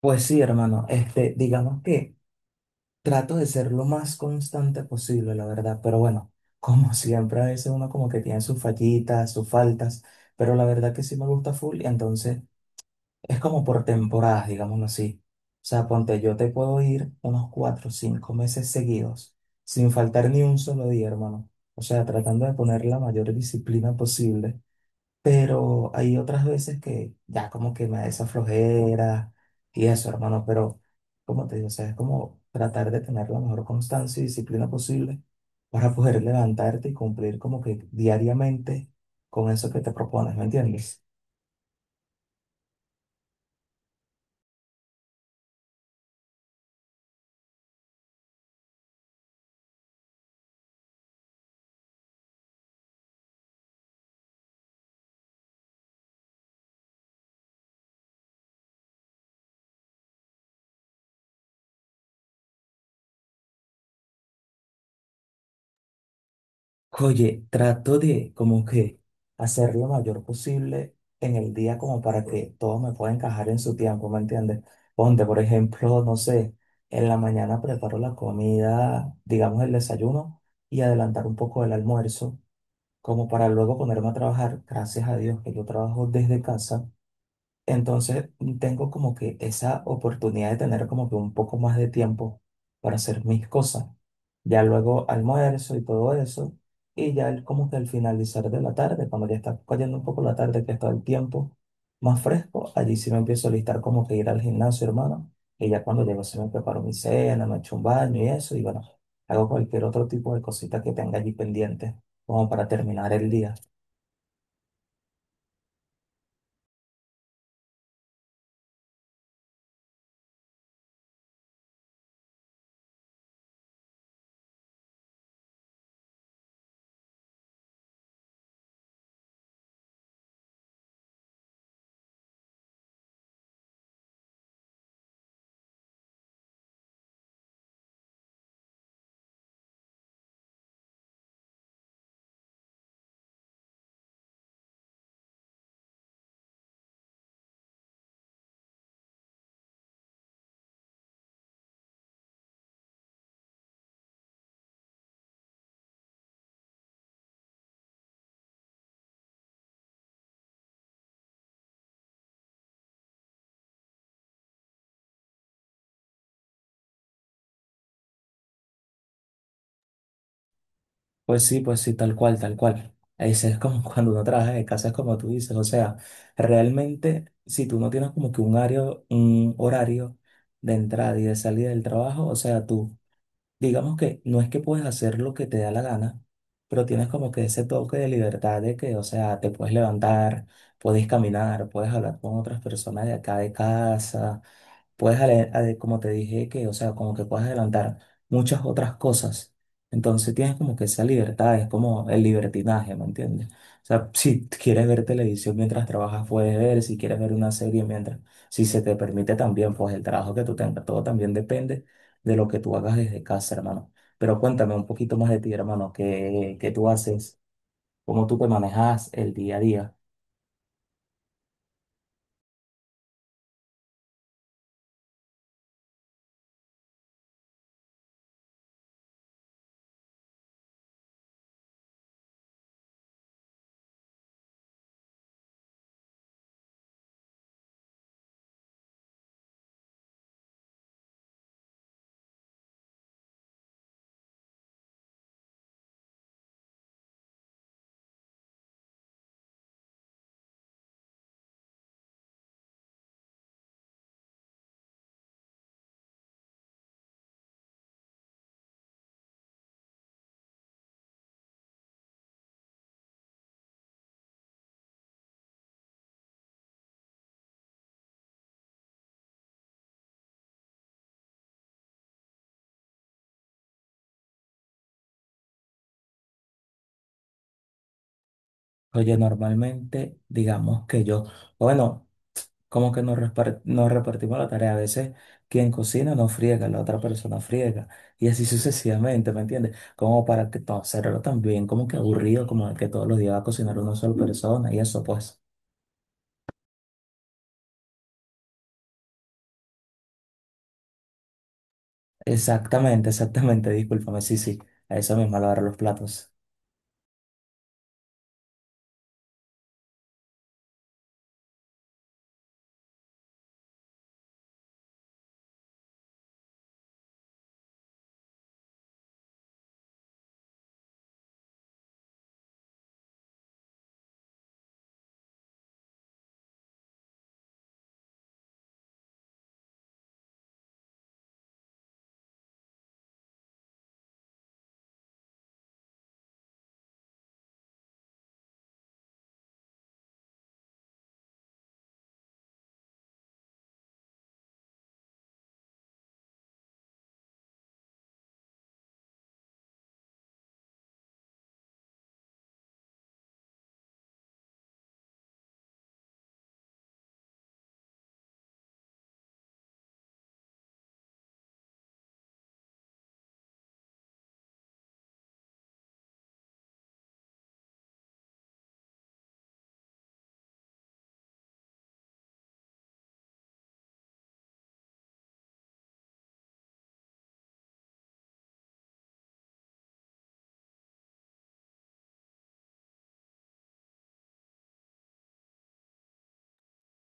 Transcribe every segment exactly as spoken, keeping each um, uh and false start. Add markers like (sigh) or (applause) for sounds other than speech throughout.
Pues sí, hermano, este, digamos que trato de ser lo más constante posible, la verdad, pero bueno, (laughs) como siempre, a veces uno como que tiene sus fallitas, sus faltas, pero la verdad que sí me gusta full y entonces es como por temporadas, digámoslo así. O sea, ponte, yo te puedo ir unos cuatro o cinco meses seguidos, sin faltar ni un solo día, hermano. O sea, tratando de poner la mayor disciplina posible, pero hay otras veces que ya como que me da esa flojera y eso, hermano, pero como te digo, o sea, es como tratar de tener la mejor constancia y disciplina posible para poder levantarte y cumplir como que diariamente con eso que te propones, ¿me entiendes? Oye, trato de como que hacer lo mayor posible en el día como para que todo me pueda encajar en su tiempo, ¿me entiendes? Ponte, por ejemplo, no sé, en la mañana preparo la comida, digamos el desayuno, y adelantar un poco el almuerzo, como para luego ponerme a trabajar. Gracias a Dios que yo trabajo desde casa. Entonces tengo como que esa oportunidad de tener como que un poco más de tiempo para hacer mis cosas. Ya luego almuerzo y todo eso. Y ya el- como que al finalizar de la tarde, cuando ya está cayendo un poco la tarde, que está el tiempo más fresco, allí sí me empiezo a listar como que ir al gimnasio, hermano. Y ya cuando llego sí me preparo mi cena, me echo un baño y eso. Y bueno, hago cualquier otro tipo de cosita que tenga allí pendiente como para terminar el día. Pues sí, pues sí, tal cual, tal cual. Ese es como (laughs) cuando uno trabaja de casa, es como tú dices. O sea, realmente, si tú no tienes como que un horario, un horario de entrada y de salida del trabajo, o sea, tú digamos que no es que puedes hacer lo que te da la gana, pero tienes como que ese toque de libertad de que, o sea, te puedes levantar, puedes caminar, puedes hablar con otras personas de acá de casa, puedes, ale- ale- como te dije, que, o sea, como que puedes adelantar muchas otras cosas. Entonces tienes como que esa libertad, es como el libertinaje, ¿me entiendes? O sea, si quieres ver televisión mientras trabajas, puedes ver, si quieres ver una serie mientras, si se te permite también, pues el trabajo que tú tengas, todo también depende de lo que tú hagas desde casa, hermano. Pero cuéntame un poquito más de ti, hermano, qué, qué tú haces, cómo tú te manejas el día a día. Oye, normalmente, digamos que yo, bueno, como que nos, repar- nos repartimos la tarea. A veces quien cocina no friega, la otra persona friega. Y así sucesivamente, ¿me entiendes? Como para que todo hacerlo también, como que aburrido, como que todos los días va a cocinar una sola persona y eso, pues. Exactamente, exactamente, discúlpame, sí, sí, a eso mismo, lavar los platos.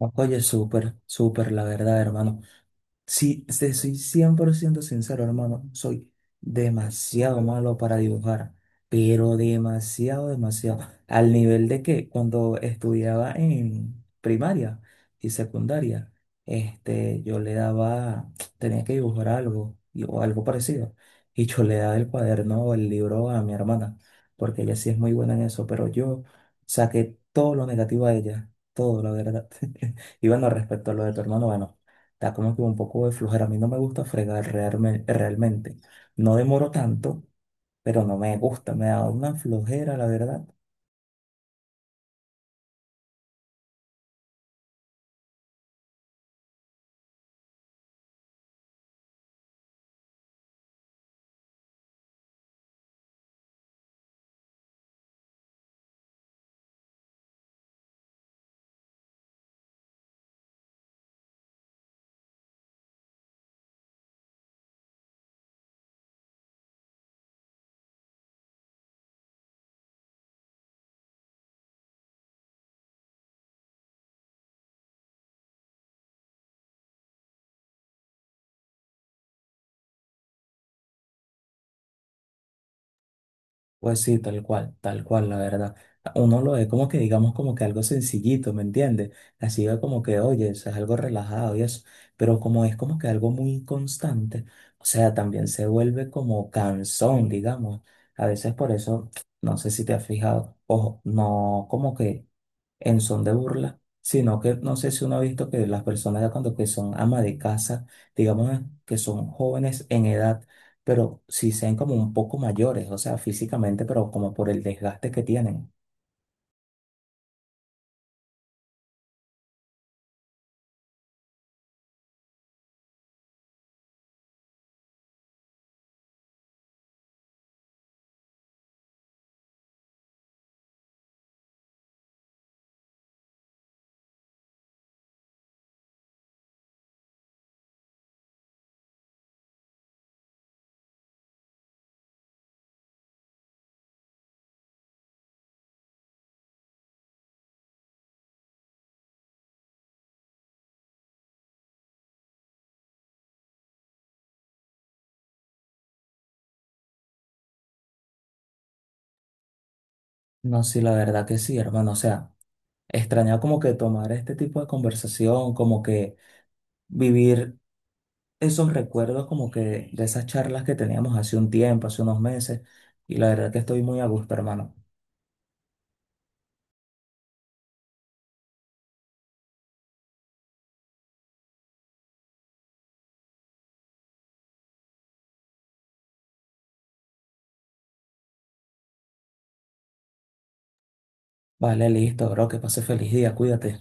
Oye, súper, súper, la verdad, hermano. Sí, te soy cien por ciento sincero, hermano. Soy demasiado malo para dibujar, pero demasiado, demasiado. (laughs) Al nivel de que cuando estudiaba en primaria y secundaria, este, yo le daba, (tsk) tenía que dibujar algo y- o algo parecido. Y yo le daba el cuaderno o el libro a mi hermana, porque ella sí es muy buena en eso, pero yo saqué todo lo negativo a ella, todo, la verdad. (laughs) Y bueno, respecto a lo de tu hermano, bueno. Da como que un poco de flojera. A mí no me gusta fregar realme- realmente. No demoro tanto, pero no me gusta. Me da una flojera, la verdad. Pues sí, tal cual, tal cual, la verdad. Uno lo ve como que, digamos, como que algo sencillito, ¿me entiendes? Así es como que, oye, eso es algo relajado y eso. Pero como es como que algo muy constante, o sea, también se vuelve como cansón, digamos. A veces por eso, (tsk) no sé si te has fijado, ojo, no como que en son de burla, sino que no sé si uno ha visto que las personas ya cuando que son ama de casa, digamos ¿no? que son jóvenes en edad, pero sí sean como un poco mayores, o sea, físicamente, pero como por el desgaste que tienen. No, sí, la verdad que sí, hermano, o sea, extraña como que tomar este tipo de conversación, como que vivir esos recuerdos como que de esas charlas que teníamos hace un tiempo, hace unos meses, y la verdad que estoy muy a gusto, hermano. Vale, listo, bro, que pase feliz día, cuídate.